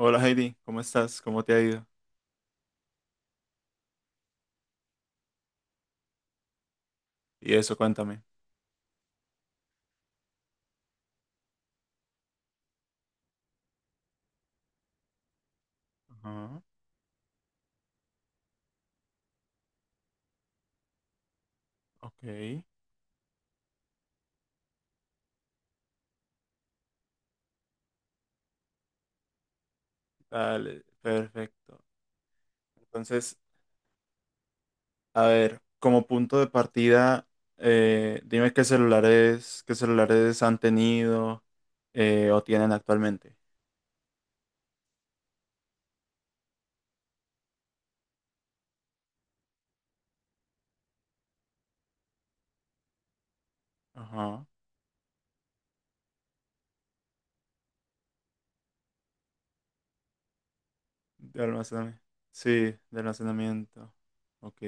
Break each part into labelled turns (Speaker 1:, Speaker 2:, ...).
Speaker 1: Hola Heidi, ¿cómo estás? ¿Cómo te ha ido? Y eso, cuéntame. Ajá, ok, dale, perfecto. Entonces, a ver, como punto de partida, dime qué celulares han tenido, o tienen actualmente. Ajá, de almacenamiento. Sí, de almacenamiento. Ok.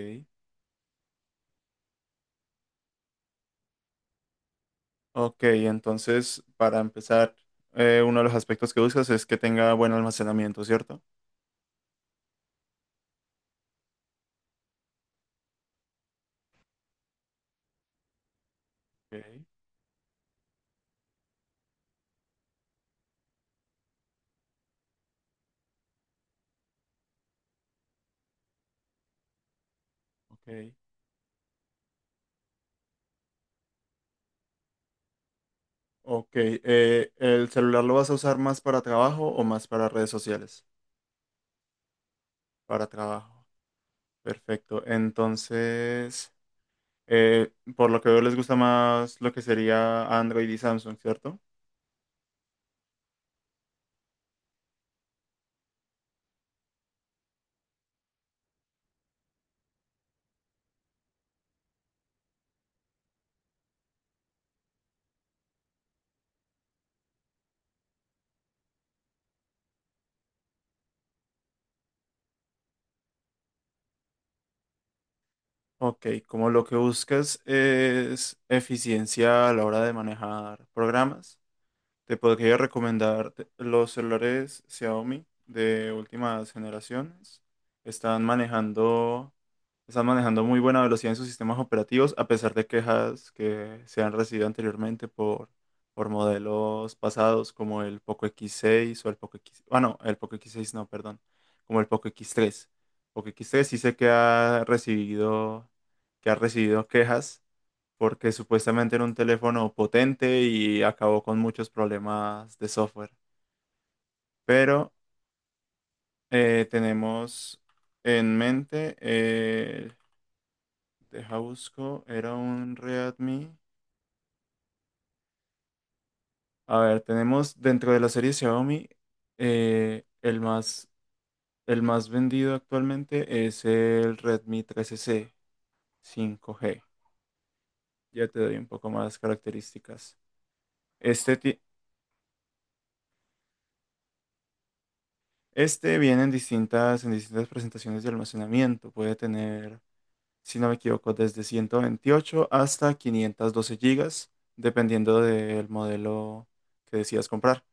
Speaker 1: Ok, entonces, para empezar, uno de los aspectos que buscas es que tenga buen almacenamiento, ¿cierto? Ok, ok. Ok, ¿el celular lo vas a usar más para trabajo o más para redes sociales? Para trabajo. Perfecto. Entonces, por lo que veo, les gusta más lo que sería Android y Samsung, ¿cierto? Ok, como lo que buscas es eficiencia a la hora de manejar programas, te podría recomendar los celulares Xiaomi de últimas generaciones. Están manejando Están manejando muy buena velocidad en sus sistemas operativos, a pesar de quejas que se han recibido anteriormente por modelos pasados como el Poco X6 o el Poco X, ah, no, el Poco X6 no, perdón, como el Poco X3. Poco X3 sí sé que ha recibido, quejas porque supuestamente era un teléfono potente y acabó con muchos problemas de software. Pero tenemos en mente. Deja busco, era un Redmi. A ver, tenemos dentro de la serie Xiaomi, eh, el más, el más vendido actualmente es el Redmi 13C 5G. Ya te doy un poco más características. Este, ti- este viene en distintas presentaciones de almacenamiento. Puede tener, si no me equivoco, desde 128 hasta 512 gigas, dependiendo del modelo que decidas comprar.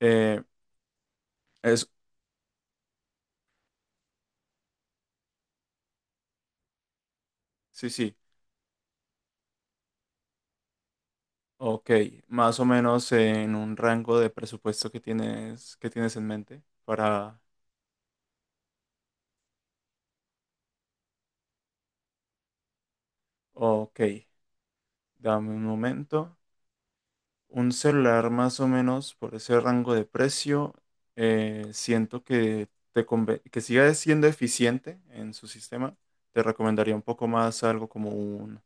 Speaker 1: Eh, es, sí, sí. Ok, más o menos en un rango de presupuesto que tienes, en mente para. Ok, dame un momento. Un celular más o menos por ese rango de precio, siento que siga siendo eficiente en su sistema. Te recomendaría un poco más algo como un,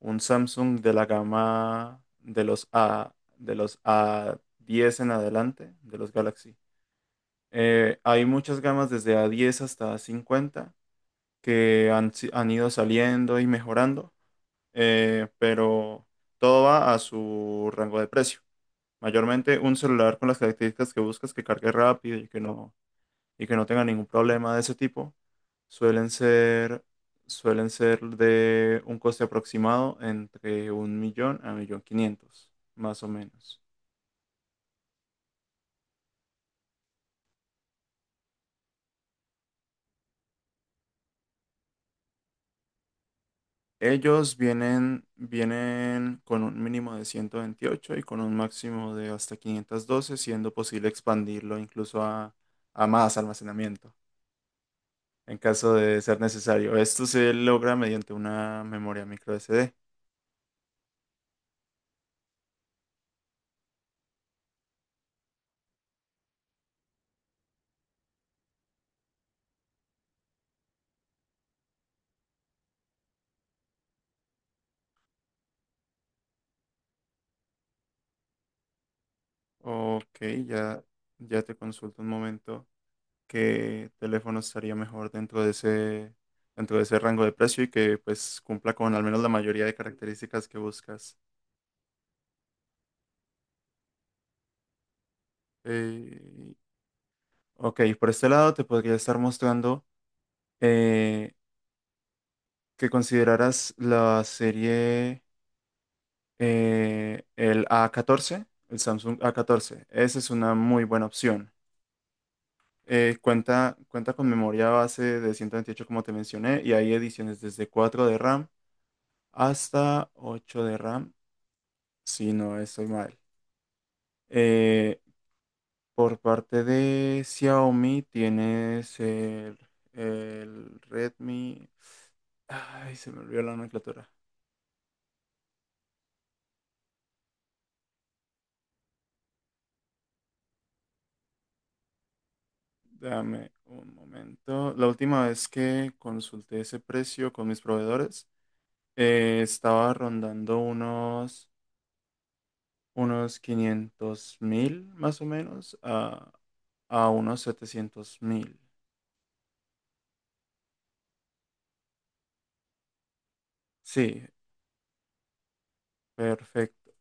Speaker 1: un Samsung de la gama de los A, de los A10 en adelante, de los Galaxy. Hay muchas gamas desde A10 hasta A50 que han, si- han ido saliendo y mejorando, pero todo va a su rango de precio. Mayormente un celular con las características que buscas, que cargue rápido y que no tenga ningún problema de ese tipo, suelen ser, suelen ser de un coste aproximado entre un millón a un millón quinientos, más o menos. Ellos vienen con un mínimo de 128 y con un máximo de hasta 512, siendo posible expandirlo incluso a más almacenamiento en caso de ser necesario. Esto se logra mediante una memoria micro SD. Ok, ya, ya te consulto un momento qué teléfono estaría mejor dentro de ese rango de precio y que pues cumpla con al menos la mayoría de características que buscas. Eh, Ok, por este lado te podría estar mostrando, eh, que consideraras la serie, el A14, el Samsung A14. Esa es una muy buena opción. Cuenta con memoria base de 128 como te mencioné y hay ediciones desde 4 de RAM hasta 8 de RAM, si no estoy mal. Eh, por parte de Xiaomi tienes el Redmi. Ay, se me olvidó la nomenclatura. Dame un momento. La última vez que consulté ese precio con mis proveedores, estaba rondando unos 500 mil más o menos a unos 700 mil. Sí, perfecto.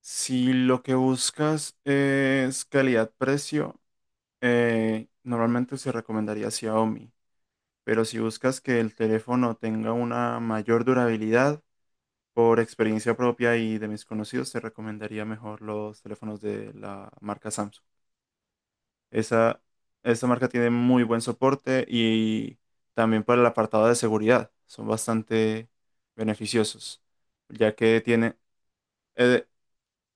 Speaker 1: Si lo que buscas es calidad-precio, normalmente se recomendaría Xiaomi, pero si buscas que el teléfono tenga una mayor durabilidad, por experiencia propia y de mis conocidos, te recomendaría mejor los teléfonos de la marca Samsung. Esa, esa marca tiene muy buen soporte y también para el apartado de seguridad son bastante beneficiosos, ya que tiene, eh,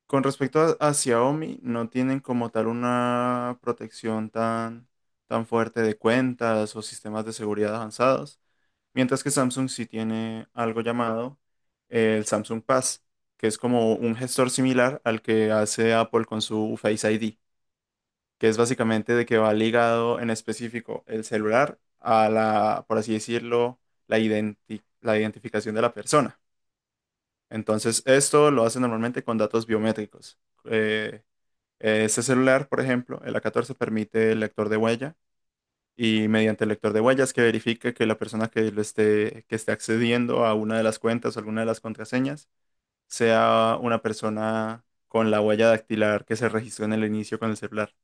Speaker 1: con respecto a Xiaomi, no tienen como tal una protección tan, tan fuerte de cuentas o sistemas de seguridad avanzados. Mientras que Samsung sí tiene algo llamado, el Samsung Pass, que es como un gestor similar al que hace Apple con su Face ID, que es básicamente de que va ligado en específico el celular a la, por así decirlo, la identificación de la persona. Entonces, esto lo hace normalmente con datos biométricos. Eh, este celular, por ejemplo, el A14 permite el lector de huella y mediante el lector de huellas que verifique que la persona que esté accediendo a una de las cuentas o alguna de las contraseñas sea una persona con la huella dactilar que se registró en el inicio con el celular.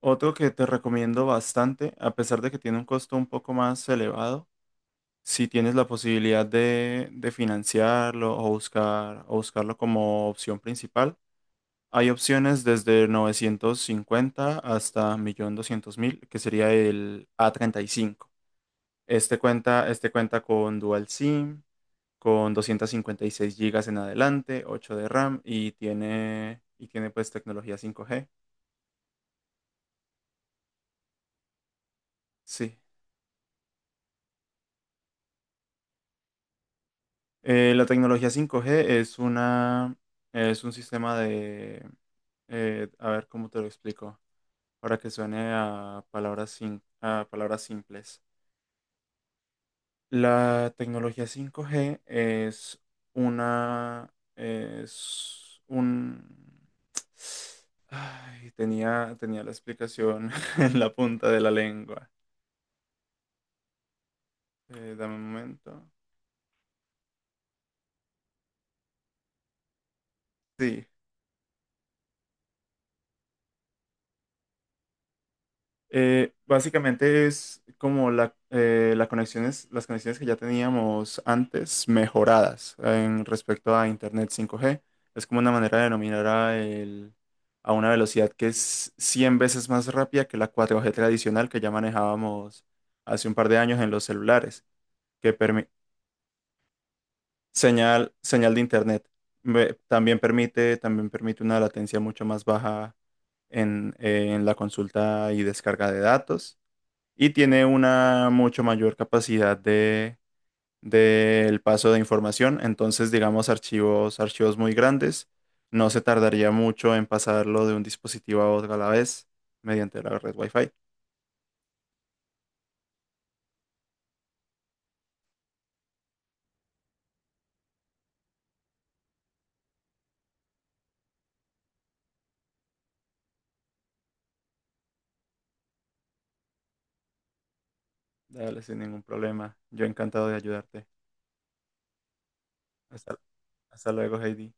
Speaker 1: Otro que te recomiendo bastante, a pesar de que tiene un costo un poco más elevado, si tienes la posibilidad de financiarlo o buscarlo como opción principal, hay opciones desde 950 hasta 1.200.000, que sería el A35. Este cuenta con Dual SIM, con 256 gigas en adelante, 8 de RAM y tiene pues tecnología 5G. Sí. La tecnología 5G es una, es un sistema de, a ver cómo te lo explico, para que suene a palabras, sin, a palabras simples. La tecnología cinco g es una, es un, ay, tenía la explicación en la punta de la lengua. Dame un momento. Sí. Básicamente es como las conexiones que ya teníamos antes mejoradas, en respecto a Internet 5G. Es como una manera de denominar a una velocidad que es 100 veces más rápida que la 4G tradicional que ya manejábamos hace un par de años en los celulares. Que permi- señal, señal de Internet. También permite una latencia mucho más baja en la consulta y descarga de datos y tiene una mucho mayor capacidad de del paso de información. Entonces, digamos, archivos muy grandes, no se tardaría mucho en pasarlo de un dispositivo a otro a la vez mediante la red Wi-Fi. Dale, sin ningún problema. Yo encantado de ayudarte. Hasta, hasta luego, Heidi.